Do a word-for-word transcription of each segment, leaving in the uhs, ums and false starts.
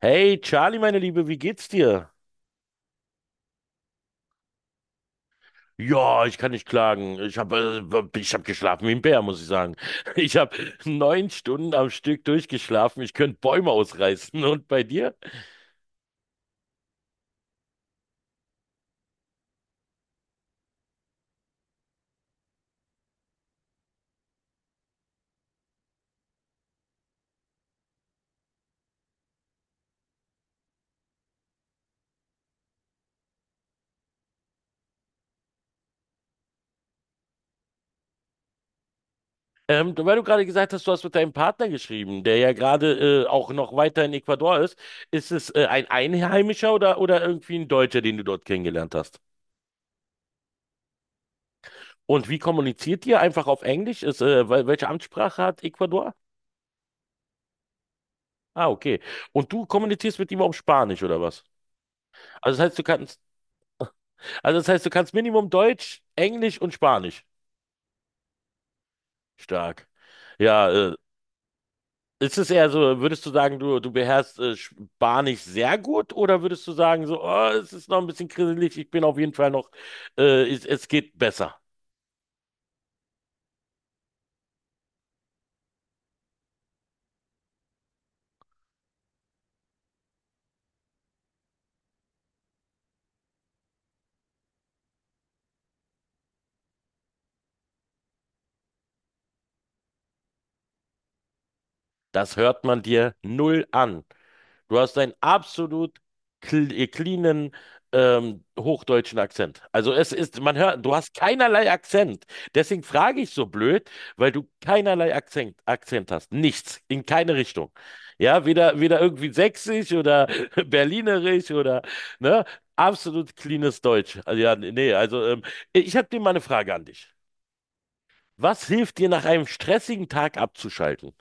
Hey Charlie, meine Liebe, wie geht's dir? Ja, ich kann nicht klagen. Ich habe äh, ich hab geschlafen wie ein Bär, muss ich sagen. Ich habe neun Stunden am Stück durchgeschlafen. Ich könnte Bäume ausreißen. Und bei dir? Ähm, weil du gerade gesagt hast, du hast mit deinem Partner geschrieben, der ja gerade äh, auch noch weiter in Ecuador ist. Ist es äh, ein Einheimischer oder, oder irgendwie ein Deutscher, den du dort kennengelernt hast? Und wie kommuniziert ihr? Einfach auf Englisch? Ist, äh, wel- welche Amtssprache hat Ecuador? Ah, okay. Und du kommunizierst mit ihm auf Spanisch oder was? Also das heißt, du kannst, also das heißt, du kannst Minimum Deutsch, Englisch und Spanisch. Stark. Ja, äh, ist es eher so, würdest du sagen, du, du beherrschst äh, Spanisch sehr gut oder würdest du sagen, so, oh, es ist noch ein bisschen grisselig, ich bin auf jeden Fall noch, äh, es, es geht besser. Das hört man dir null an. Du hast einen absolut cl- cleanen ähm, hochdeutschen Akzent. Also es ist, man hört, du hast keinerlei Akzent. Deswegen frage ich so blöd, weil du keinerlei Akzent, Akzent hast. Nichts, in keine Richtung. Ja, weder, weder irgendwie sächsisch oder berlinerisch oder, ne? Absolut cleanes Deutsch. Also, ja, nee, also ähm, ich habe dir mal eine Frage an dich. Was hilft dir nach einem stressigen Tag abzuschalten?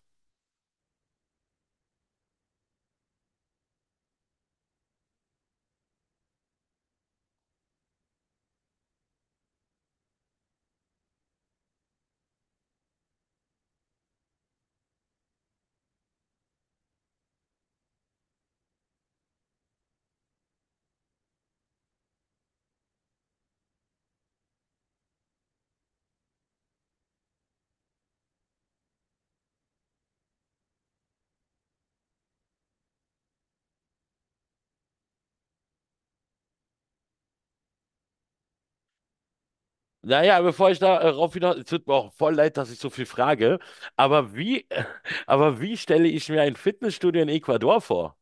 Naja, bevor ich darauf hinaus, es tut mir auch voll leid, dass ich so viel frage, aber wie, aber wie stelle ich mir ein Fitnessstudio in Ecuador vor?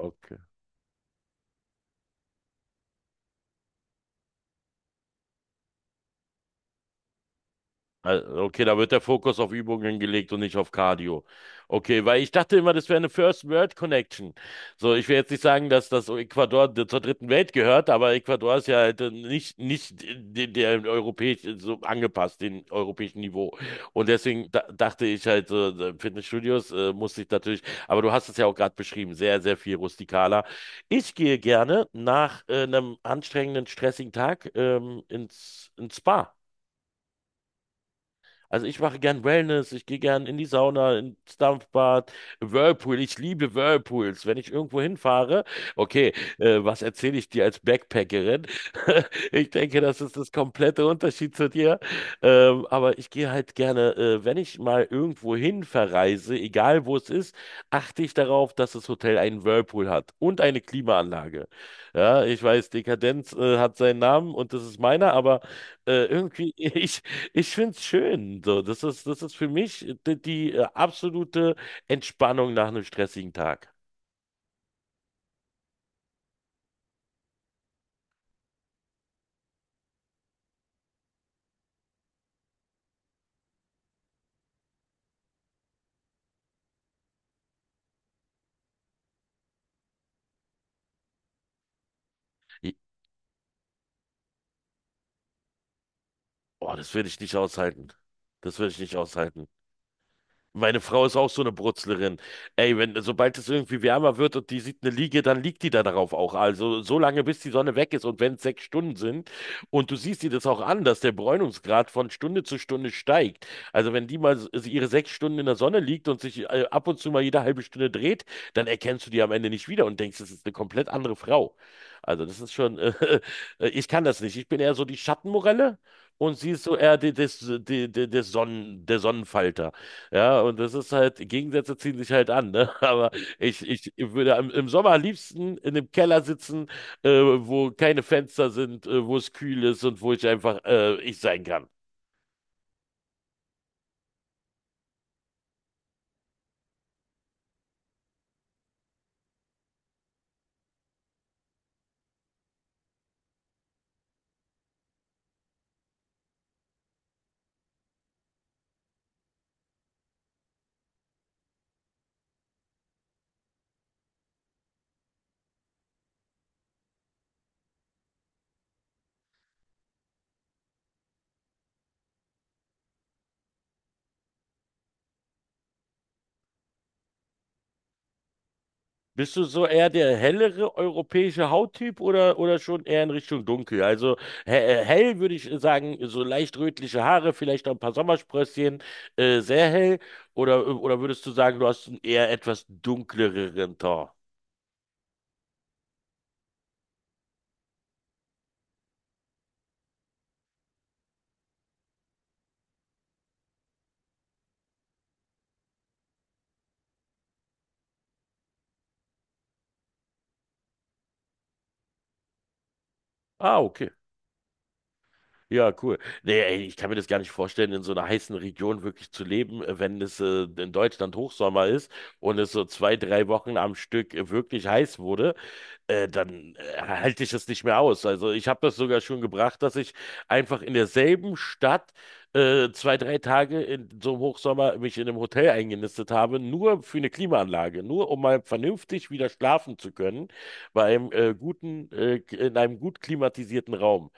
Okay. Also, okay, da wird der Fokus auf Übungen gelegt und nicht auf Cardio. Okay, weil ich dachte immer, das wäre eine First World Connection. So, ich will jetzt nicht sagen, dass das Ecuador d- zur dritten Welt gehört, aber Ecuador ist ja halt äh, nicht, nicht der, der europäisch äh, so angepasst, den europäischen Niveau. Und deswegen da, dachte ich halt, äh, Fitnessstudios äh, muss ich natürlich, aber du hast es ja auch gerade beschrieben, sehr, sehr viel rustikaler. Ich gehe gerne nach äh, einem anstrengenden, stressigen Tag ähm, ins, ins Spa. Also ich mache gern Wellness, ich gehe gern in die Sauna, ins Dampfbad, Whirlpool, ich liebe Whirlpools. Wenn ich irgendwo hinfahre, okay, äh, was erzähle ich dir als Backpackerin? Ich denke, das ist das komplette Unterschied zu dir. Ähm, aber ich gehe halt gerne, äh, wenn ich mal irgendwo hin verreise, egal wo es ist, achte ich darauf, dass das Hotel einen Whirlpool hat und eine Klimaanlage. Ja, ich weiß, Dekadenz, äh, hat seinen Namen und das ist meiner, aber äh, irgendwie, ich, ich finde es schön. So, das ist, das ist für mich die, die äh, absolute Entspannung nach einem stressigen Tag. Ich, oh, das würde ich nicht aushalten. Das würde ich nicht aushalten. Meine Frau ist auch so eine Brutzlerin. Ey, wenn, sobald es irgendwie wärmer wird und die sieht eine Liege, dann liegt die da darauf auch. Also so lange, bis die Sonne weg ist und wenn es sechs Stunden sind und du siehst dir das auch an, dass der Bräunungsgrad von Stunde zu Stunde steigt. Also wenn die mal s- ihre sechs Stunden in der Sonne liegt und sich äh, ab und zu mal jede halbe Stunde dreht, dann erkennst du die am Ende nicht wieder und denkst, das ist eine komplett andere Frau. Also das ist schon, äh, ich kann das nicht. Ich bin eher so die Schattenmorelle und sie ist so eher die, des, die, die, des Sonnen, der Sonnenfalter. Ja, und das ist halt, Gegensätze ziehen sich halt an, ne? Aber ich, ich würde am, im Sommer am liebsten in einem Keller sitzen, äh, wo keine Fenster sind, äh, wo es kühl ist und wo ich einfach äh, ich sein kann. Bist du so eher der hellere europäische Hauttyp oder, oder, schon eher in Richtung dunkel? Also he äh, hell würde ich sagen, so leicht rötliche Haare, vielleicht noch ein paar Sommersprösschen, äh, sehr hell. Oder, oder würdest du sagen, du hast einen eher etwas dunkleren Ton? Ah, okay. Ja, cool. Nee, ey, ich kann mir das gar nicht vorstellen, in so einer heißen Region wirklich zu leben, äh, wenn es äh, in Deutschland Hochsommer ist und es so zwei, drei Wochen am Stück äh, wirklich heiß wurde äh, dann äh, halte ich es nicht mehr aus. Also ich habe das sogar schon gebracht, dass ich einfach in derselben Stadt äh, zwei, drei Tage in so einem Hochsommer mich in einem Hotel eingenistet habe, nur für eine Klimaanlage, nur um mal vernünftig wieder schlafen zu können, bei einem äh, guten, äh, in einem gut klimatisierten Raum.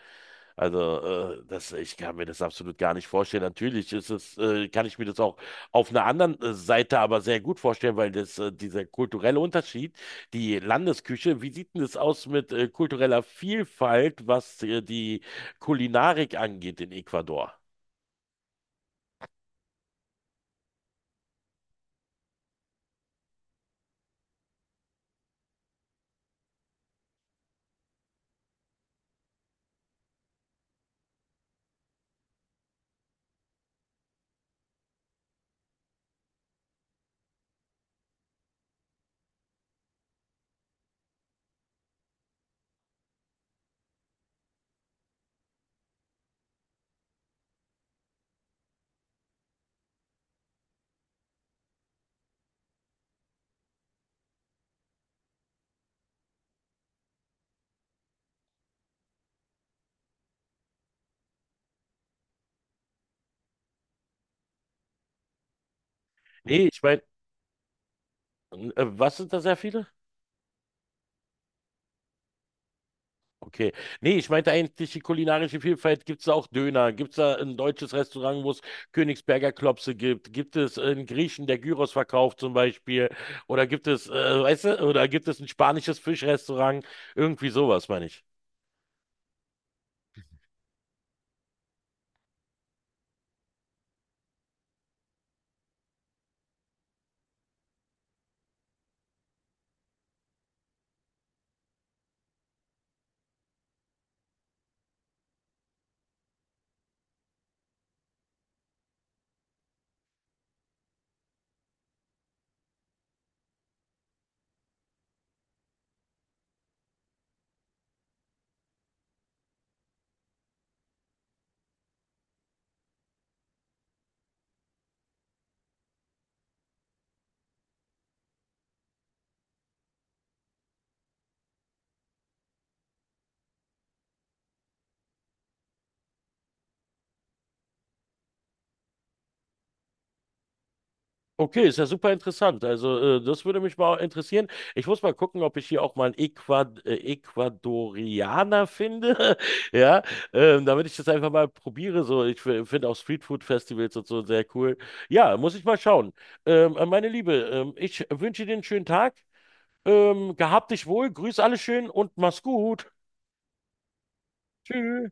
Also, äh, das, ich kann mir das absolut gar nicht vorstellen. Natürlich ist es, äh, kann ich mir das auch auf einer anderen äh, Seite aber sehr gut vorstellen, weil das, äh, dieser kulturelle Unterschied die Landesküche, wie sieht denn das aus mit äh, kultureller Vielfalt, was äh, die Kulinarik angeht in Ecuador? Nee, ich meine, äh, was sind da sehr viele? Okay. Nee, ich meinte eigentlich die kulinarische Vielfalt. Gibt es da auch Döner? Gibt es da ein deutsches Restaurant, wo es Königsberger Klopse gibt? Gibt es einen Griechen, der Gyros verkauft zum Beispiel? Oder gibt es, äh, weißt du, oder gibt es ein spanisches Fischrestaurant? Irgendwie sowas, meine ich. Okay, ist ja super interessant. Also, äh, das würde mich mal interessieren. Ich muss mal gucken, ob ich hier auch mal einen Ecuad äh, Ecuadorianer finde. Ja, ähm, damit ich das einfach mal probiere. So, ich f- finde auch Streetfood-Festivals und so sehr cool. Ja, muss ich mal schauen. Ähm, äh, meine Liebe, ähm, ich wünsche dir einen schönen Tag. Ähm, gehabt dich wohl, grüß alle schön und mach's gut. Tschüss.